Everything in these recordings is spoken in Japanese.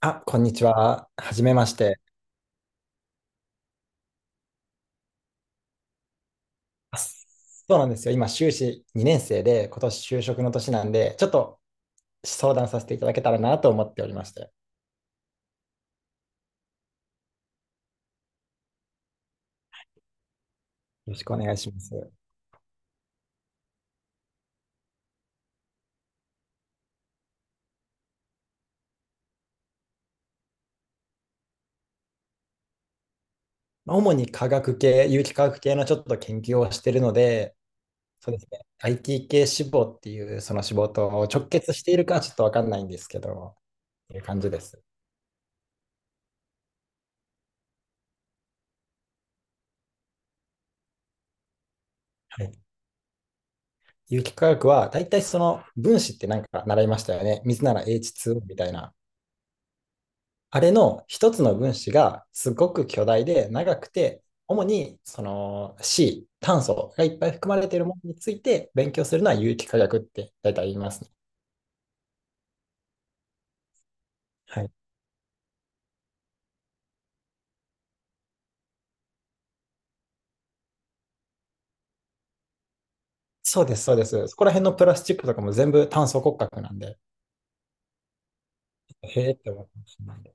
あ、こんにちは。はじめまして。あそうなんですよ。今、修士2年生で、今年就職の年なんで、ちょっと相談させていただけたらなと思っておりまして。よろしくお願いします。まあ主に科学系、有機化学系のちょっと研究をしているので、そうですね。IT 系志望っていうその志望と直結しているかちょっとわかんないんですけど、っていう感じです。はい。有機化学は、大体その分子ってなんか習いましたよね。水なら h 2みたいな。あれの一つの分子がすごく巨大で長くて、主にその C、炭素がいっぱい含まれているものについて勉強するのは有機化学って大体言いますね。はい。そうです、そうです。そこら辺のプラスチックとかも全部炭素骨格なんで、へえって思ってましたんで。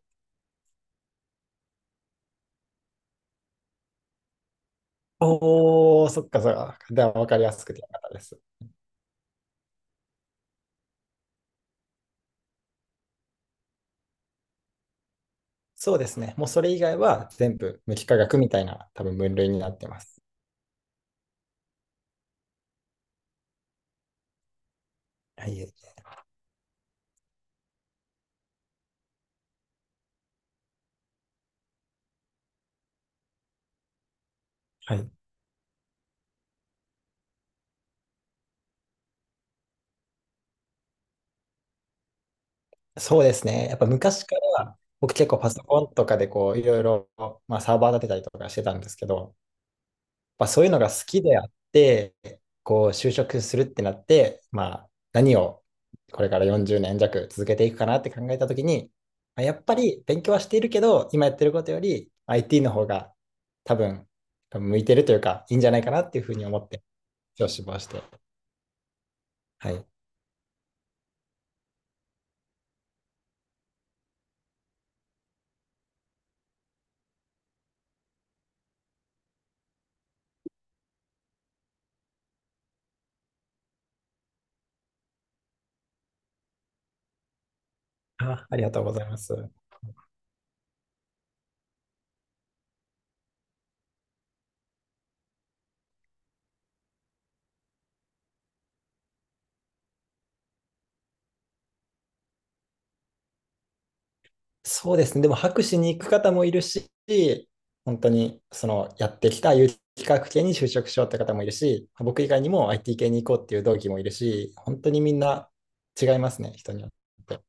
おー、そっかそっか。では分かりやすくてよかったです。そうですね。もうそれ以外は全部無機化学みたいな多分分類になってます。はい。はい。そうですね。やっぱ昔から僕結構パソコンとかでこういろいろ、まあ、サーバー立てたりとかしてたんですけど、まあ、そういうのが好きであって、こう就職するってなって、まあ、何をこれから40年弱続けていくかなって考えたときに、まあ、やっぱり勉強はしているけど、今やってることより IT の方が多分向いてるというか、いいんじゃないかなっていうふうに思って、今日志望して。はい。あ、ありがとうございます。そうですね。でも博士に行く方もいるし、本当にそのやってきた有機化学系に就職しようって方もいるし、僕以外にも IT 系に行こうっていう同期もいるし、本当にみんな違いますね、人によって。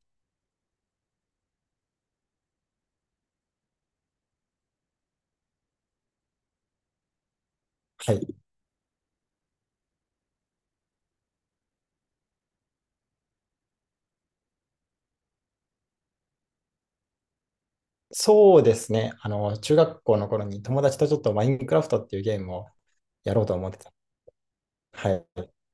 はい。そうですね。あの、中学校の頃に友達とちょっとマインクラフトっていうゲームをやろうと思ってた。はい。い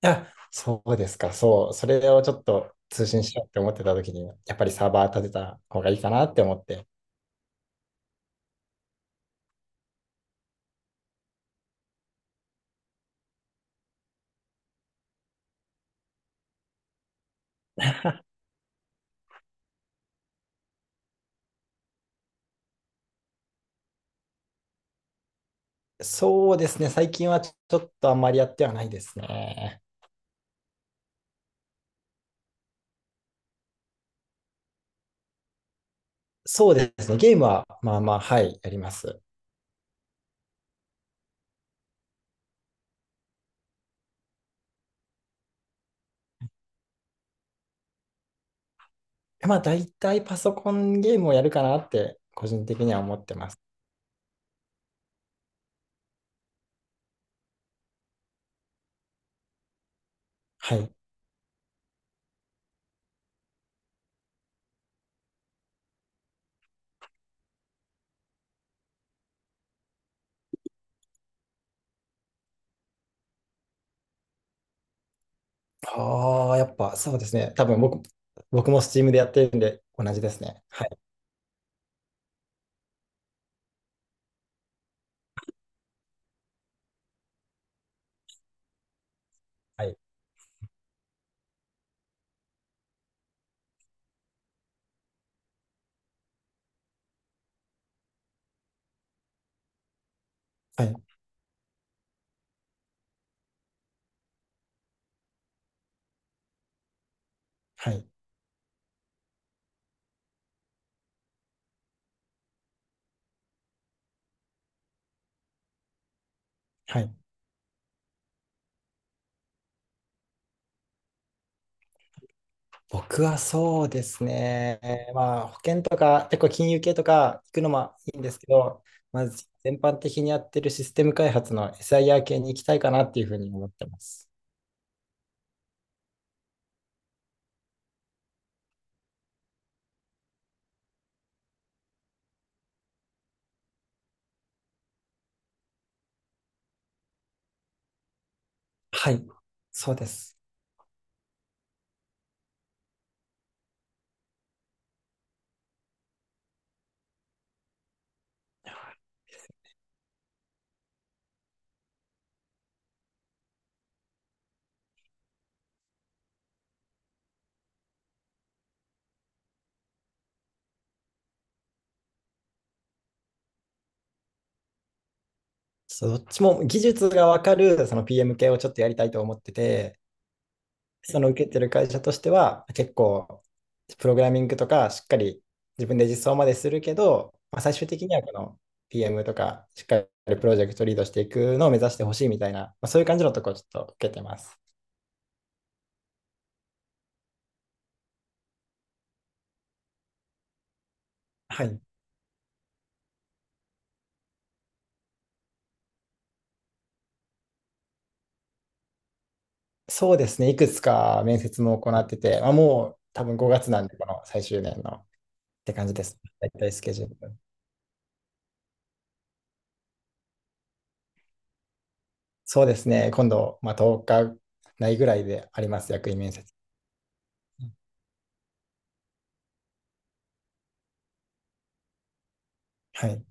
や、そうですか。そう。それをちょっと通信しようって思ってた時に、やっぱりサーバー立てた方がいいかなって思って、そうですね。最近はちょっとあんまりやってはないですね。そうですね。ゲームは、まあまあ、はい、やります。まあ、大体パソコンゲームをやるかなって、個人的には思ってます。はい。ああ、やっぱそうですね。多分僕も Steam でやってるんで、同じですね。はい、はい、はい、はい、はい。僕はそうですね。まあ、保険とか、結構金融系とか行くのもいいんですけど、まず全般的にやってるシステム開発の SIR 系に行きたいかなっていうふうに思ってます。はい、そうです。そうどっちも技術がわかるその PM 系をちょっとやりたいと思ってて、その受けてる会社としては、結構、プログラミングとか、しっかり自分で実装までするけど、まあ、最終的にはこの PM とか、しっかりプロジェクトリードしていくのを目指してほしいみたいな、まあ、そういう感じのところをちょっと受けてます。はい。そうですね、いくつか面接も行ってて、まあ、もう多分5月なんで、この最終年のって感じです。大体スケジュール。そうですね、今度、まあ、10日ないぐらいであります、役員面接。はい。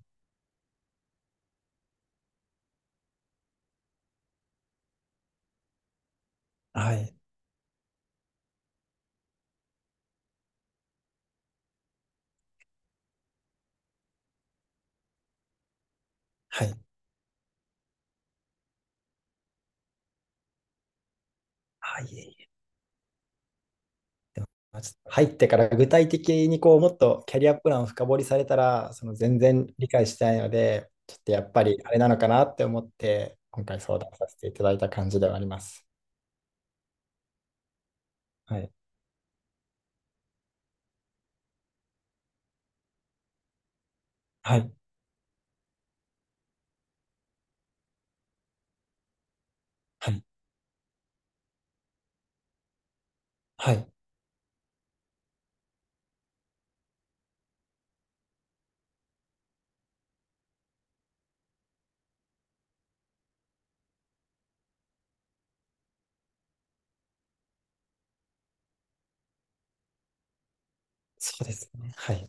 はい。はい。はい。でもまあちょっと入ってから具体的にこうもっとキャリアプランを深掘りされたらその全然理解してないのでちょっとやっぱりあれなのかなって思って今回相談させていただいた感じではあります。はい。はい。はい。はい。そうですね。はい。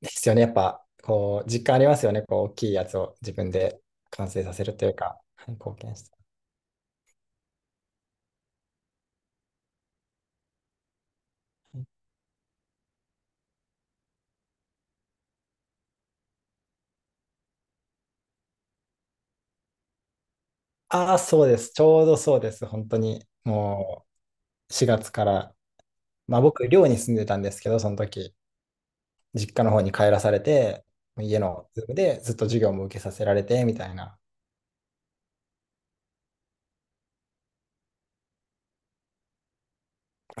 ですよね。やっぱこう実感ありますよね。こう大きいやつを自分で完成させるというか、はい、貢献して。ああ、そうです。ちょうどそうです。本当にもう4月から、まあ僕寮に住んでたんですけど、その時。実家の方に帰らされて、家のズームでずっと授業も受けさせられてみたいな。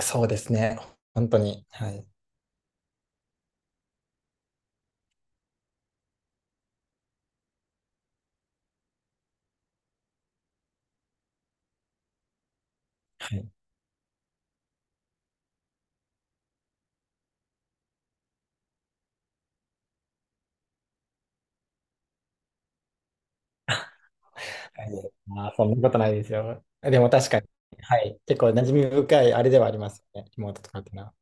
そうですね。本当に。はい。はい。はいまあ、そんなことないですよ。でも確かに、はい。結構馴染み深いあれではありますよね。リモートとかっていうのは。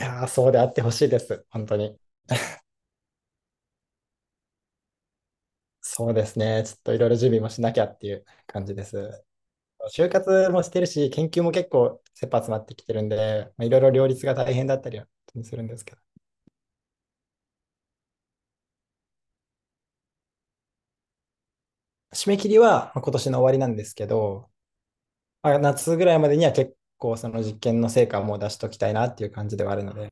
いやー、そうであってほしいです。本当に。そうですね。ちょっといろいろ準備もしなきゃっていう感じです。就活もしてるし、研究も結構切羽詰まってきてるんで、まあ、いろいろ両立が大変だったりはするんですけど。締め切りはまあ今年の終わりなんですけど、あ、夏ぐらいまでには結構その実験の成果をもう出しときたいなっていう感じではあるので、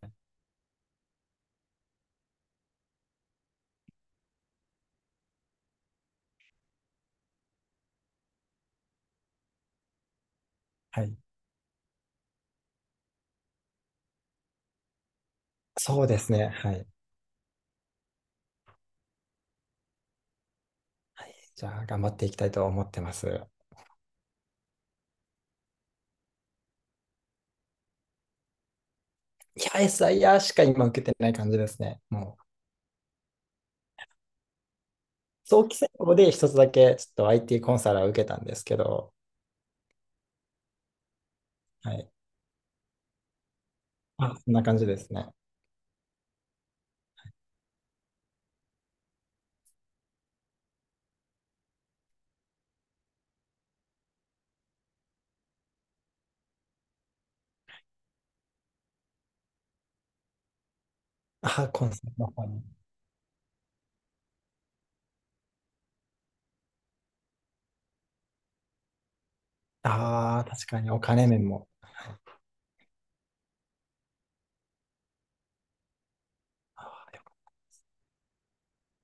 はい。そうですね。はい。じゃあ、頑張っていきたいと思ってます。いや、SIR しか今受けてない感じですね。もう、早期選考で一つだけちょっと IT コンサルを受けたんですけど、はい。あ、そんな感じですね。あ、コンサルの方に。ああ、確かにお金面も。